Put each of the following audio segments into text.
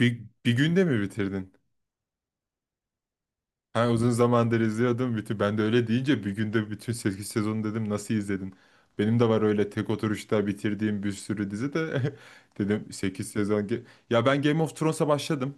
Bir günde mi bitirdin? Ha, uzun zamandır izliyordum. Ben de öyle deyince bir günde bütün 8 sezonu dedim, nasıl izledin? Benim de var öyle tek oturuşta bitirdiğim bir sürü dizi de dedim 8 sezon. Ya ben Game of Thrones'a başladım.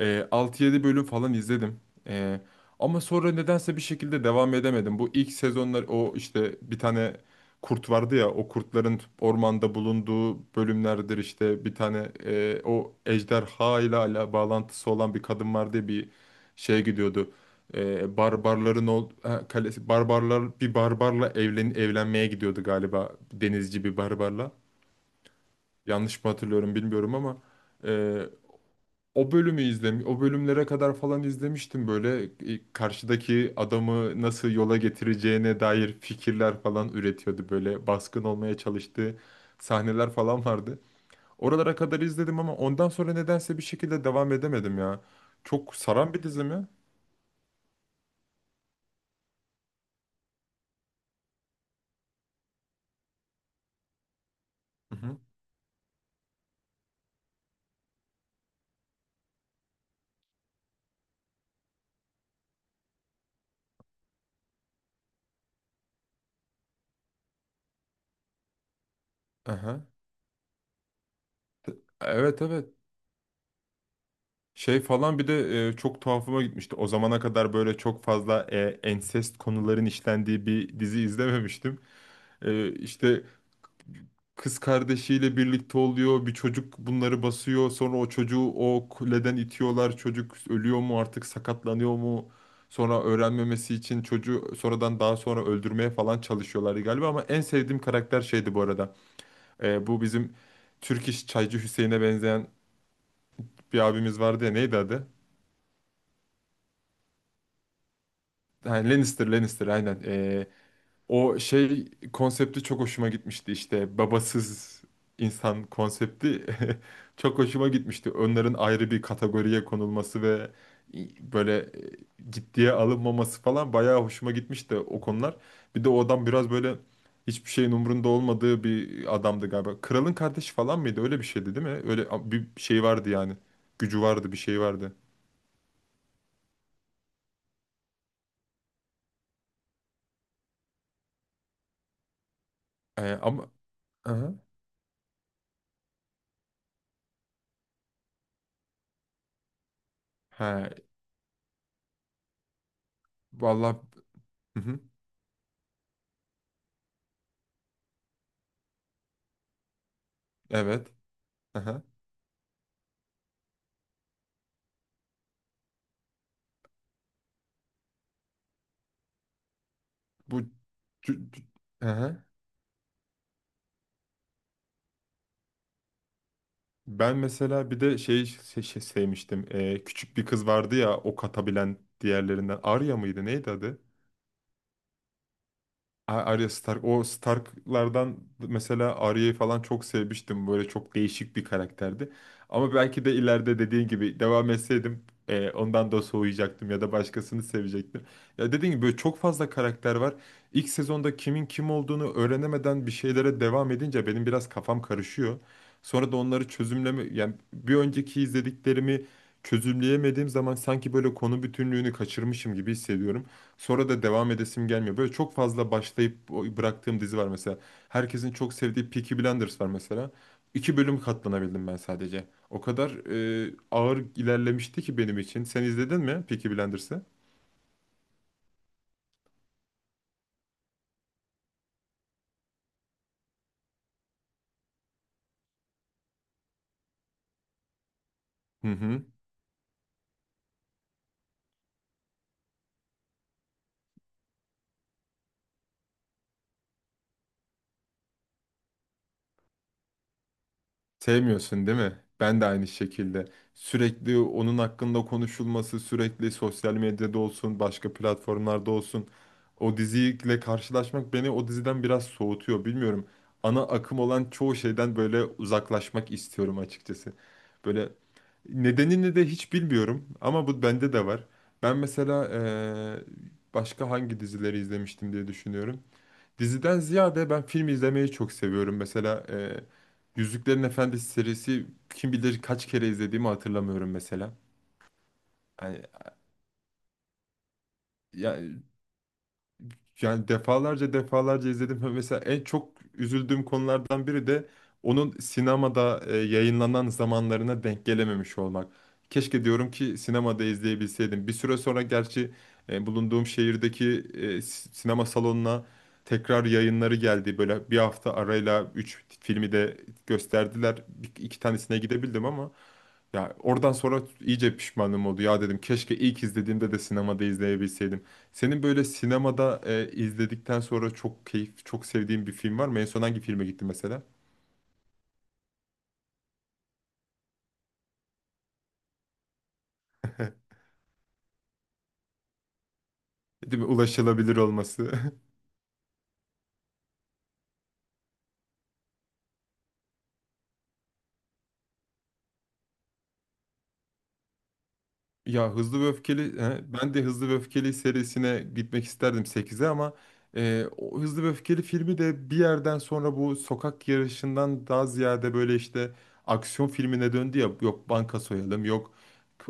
6-7 bölüm falan izledim. E, ama sonra nedense bir şekilde devam edemedim. Bu ilk sezonlar o, işte bir tane kurt vardı ya, o kurtların ormanda bulunduğu bölümlerdir. İşte bir tane o ejderha ile ala bağlantısı olan bir kadın vardı ya, bir şeye gidiyordu. Barbarların ha, kalesi, barbarlar, bir barbarla evlenmeye gidiyordu galiba, denizci bir barbarla. Yanlış mı hatırlıyorum bilmiyorum ama o bölümü izlemiş, o bölümlere kadar falan izlemiştim böyle. Karşıdaki adamı nasıl yola getireceğine dair fikirler falan üretiyordu, böyle baskın olmaya çalıştığı sahneler falan vardı. Oralara kadar izledim ama ondan sonra nedense bir şekilde devam edemedim ya. Çok saran bir dizi mi? Hı hı. Aha. T- Evet, evet. Şey falan, bir de çok tuhafıma gitmişti. O zamana kadar böyle çok fazla ensest konuların işlendiği bir dizi izlememiştim. İşte kız kardeşiyle birlikte oluyor. Bir çocuk bunları basıyor. Sonra o çocuğu o kuleden itiyorlar. Çocuk ölüyor mu artık, sakatlanıyor mu? Sonra öğrenmemesi için çocuğu sonradan, daha sonra öldürmeye falan çalışıyorlardı galiba. Ama en sevdiğim karakter şeydi bu arada. Bu bizim Türk iş Çaycı Hüseyin'e benzeyen bir abimiz vardı ya, neydi adı? Ha, Lannister, Lannister aynen. O şey konsepti çok hoşuma gitmişti, işte babasız insan konsepti çok hoşuma gitmişti. Onların ayrı bir kategoriye konulması ve böyle ciddiye alınmaması falan bayağı hoşuma gitmişti o konular. Bir de o adam biraz böyle hiçbir şeyin umrunda olmadığı bir adamdı galiba. Kralın kardeşi falan mıydı? Öyle bir şeydi değil mi? Öyle bir şey vardı yani. Gücü vardı, bir şey vardı. Ama Aha. He, vallahi. Hı hı. Evet. Aha. Bu tü- tü- Aha. Ben mesela bir de şey sevmiştim. Küçük bir kız vardı ya, ok atabilen diğerlerinden. Arya mıydı? Neydi adı? Arya Stark. O Stark'lardan mesela Arya'yı falan çok sevmiştim. Böyle çok değişik bir karakterdi. Ama belki de ileride dediğin gibi devam etseydim ondan da soğuyacaktım ya da başkasını sevecektim. Ya, dediğin gibi böyle çok fazla karakter var. İlk sezonda kimin kim olduğunu öğrenemeden bir şeylere devam edince benim biraz kafam karışıyor. Sonra da onları çözümleme, yani bir önceki izlediklerimi çözümleyemediğim zaman sanki böyle konu bütünlüğünü kaçırmışım gibi hissediyorum. Sonra da devam edesim gelmiyor. Böyle çok fazla başlayıp bıraktığım dizi var mesela. Herkesin çok sevdiği Peaky Blinders var mesela. İki bölüm katlanabildim ben sadece. O kadar ağır ilerlemişti ki benim için. Sen izledin mi Peaky Blinders'ı? Hı hı. Sevmiyorsun değil mi? Ben de aynı şekilde. Sürekli onun hakkında konuşulması, sürekli sosyal medyada olsun, başka platformlarda olsun, o diziyle karşılaşmak beni o diziden biraz soğutuyor. Bilmiyorum. Ana akım olan çoğu şeyden böyle uzaklaşmak istiyorum açıkçası. Böyle nedenini de hiç bilmiyorum ama bu bende de var. Ben mesela başka hangi dizileri izlemiştim diye düşünüyorum. Diziden ziyade ben film izlemeyi çok seviyorum. Mesela Yüzüklerin Efendisi serisi, kim bilir kaç kere izlediğimi hatırlamıyorum mesela. Yani, ya yani defalarca defalarca izledim. Ve mesela en çok üzüldüğüm konulardan biri de onun sinemada yayınlanan zamanlarına denk gelememiş olmak. Keşke diyorum ki sinemada izleyebilseydim. Bir süre sonra gerçi bulunduğum şehirdeki sinema salonuna tekrar yayınları geldi. Böyle bir hafta arayla 3 filmi de gösterdiler. İki tanesine gidebildim ama ya, oradan sonra iyice pişmanım oldu. Ya, dedim, keşke ilk izlediğimde de sinemada izleyebilseydim. Senin böyle sinemada izledikten sonra çok sevdiğin bir film var mı? En son hangi filme gitti mesela? Değil mi? Ulaşılabilir olması. Ya, Hızlı ve Öfkeli, he, ben de Hızlı ve Öfkeli serisine gitmek isterdim sekize, ama o Hızlı ve Öfkeli filmi de bir yerden sonra bu sokak yarışından daha ziyade böyle işte aksiyon filmine döndü ya. Yok banka soyalım, yok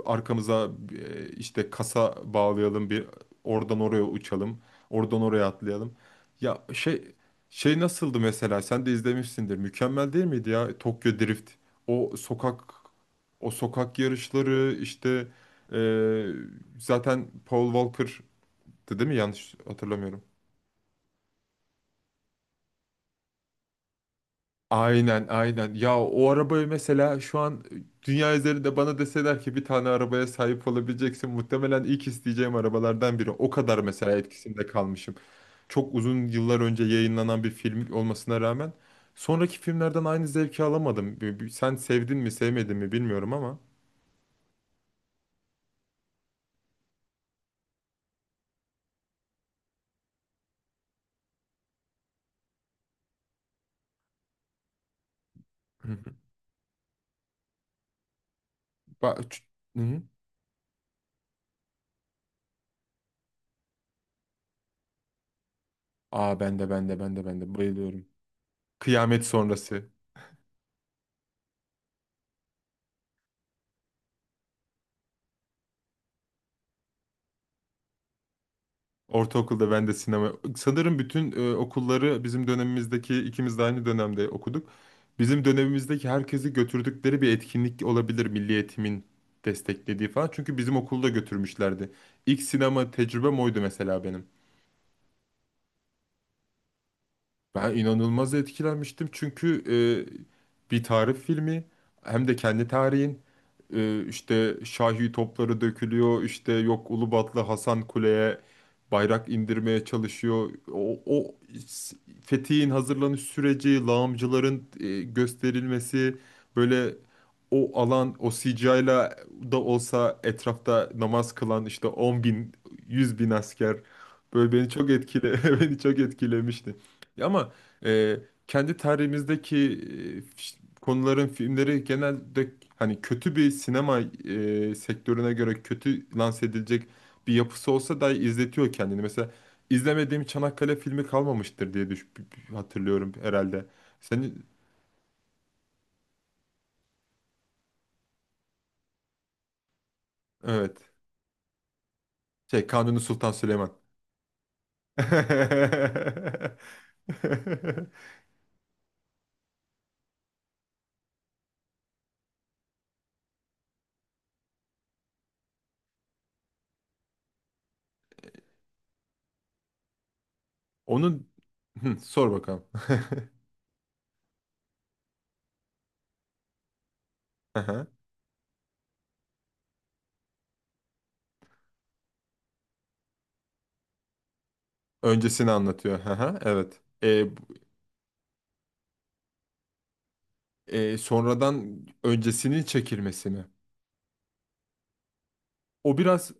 arkamıza işte kasa bağlayalım, bir oradan oraya uçalım, oradan oraya atlayalım. Ya, şey nasıldı mesela? Sen de izlemişsindir. Mükemmel değil miydi ya Tokyo Drift? O sokak o sokak yarışları, işte ee, zaten Paul Walker'dı değil mi? Yanlış hatırlamıyorum. Aynen, aynen. Ya, o arabayı mesela, şu an dünya üzerinde bana deseler ki bir tane arabaya sahip olabileceksin, muhtemelen ilk isteyeceğim arabalardan biri. O kadar mesela etkisinde kalmışım. Çok uzun yıllar önce yayınlanan bir film olmasına rağmen sonraki filmlerden aynı zevki alamadım. Sen sevdin mi, sevmedin mi bilmiyorum ama. Hı hı. Ba- ç- hı hı. Aa, ben de ben de ben de ben de bayılıyorum. Kıyamet sonrası. Ortaokulda ben de sinema. Sanırım bütün okulları, bizim dönemimizdeki ikimiz de aynı dönemde okuduk. Bizim dönemimizdeki herkesi götürdükleri bir etkinlik olabilir, Milli Eğitim'in desteklediği falan. Çünkü bizim okulda götürmüşlerdi. İlk sinema tecrübem oydu mesela benim. Ben inanılmaz etkilenmiştim çünkü bir tarih filmi, hem de kendi tarihin. İşte Şahi topları dökülüyor, işte yok Ulubatlı Hasan Kule'ye bayrak indirmeye çalışıyor. O s- fethiyin hazırlanış süreci, lağımcıların gösterilmesi, böyle o alan o sicayla da olsa etrafta namaz kılan işte 10 bin 100 bin asker, böyle beni çok etkile beni çok etkilemişti. Ya ama e, kendi tarihimizdeki konuların filmleri genelde, hani, kötü bir sinema sektörüne göre kötü lanse edilecek bir yapısı olsa da izletiyor kendini. Mesela izlemediğim Çanakkale filmi kalmamıştır diye hatırlıyorum herhalde. Senin evet, şey, Kanuni Sultan Süleyman. Onun Hı, sor bakalım. Aha. Öncesini anlatıyor. Aha, evet. Sonradan öncesinin çekilmesini. O biraz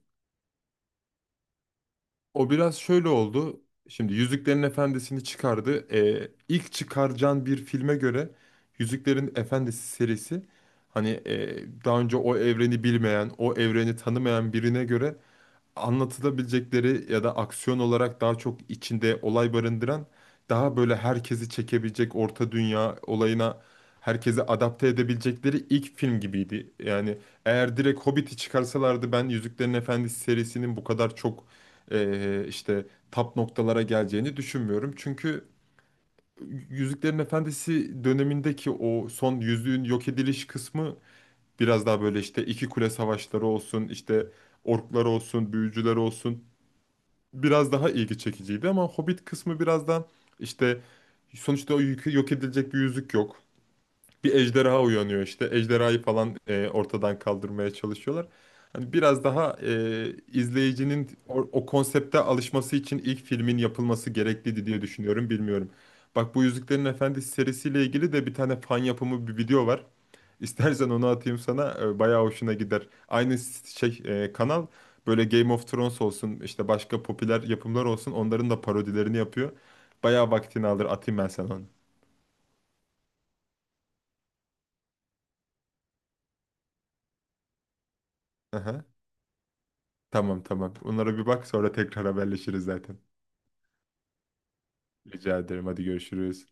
o biraz şöyle oldu. Şimdi Yüzüklerin Efendisi'ni çıkardı. İlk çıkaracağın bir filme göre Yüzüklerin Efendisi serisi, hani daha önce o evreni bilmeyen, o evreni tanımayan birine göre anlatılabilecekleri ya da aksiyon olarak daha çok içinde olay barındıran, daha böyle herkesi çekebilecek orta dünya olayına herkesi adapte edebilecekleri ilk film gibiydi. Yani eğer direkt Hobbit'i çıkarsalardı, ben Yüzüklerin Efendisi serisinin bu kadar çok işte tap noktalara geleceğini düşünmüyorum. Çünkü Yüzüklerin Efendisi dönemindeki o son yüzüğün yok ediliş kısmı biraz daha böyle, işte iki kule savaşları olsun, işte orklar olsun, büyücüler olsun, biraz daha ilgi çekiciydi. Ama Hobbit kısmı biraz da işte, sonuçta o yok edilecek bir yüzük yok. Bir ejderha uyanıyor işte. Ejderhayı falan ortadan kaldırmaya çalışıyorlar. Hani biraz daha izleyicinin o konsepte alışması için ilk filmin yapılması gerekliydi diye düşünüyorum. Bilmiyorum. Bak, bu Yüzüklerin Efendisi serisiyle ilgili de bir tane fan yapımı bir video var. İstersen onu atayım sana. Bayağı hoşuna gider. Aynı şey, kanal böyle, Game of Thrones olsun, işte başka popüler yapımlar olsun, onların da parodilerini yapıyor. Bayağı vaktini alır, atayım ben sana onu. Aha. Tamam, tamam. Onlara bir bak, sonra tekrar haberleşiriz zaten. Rica ederim, hadi görüşürüz.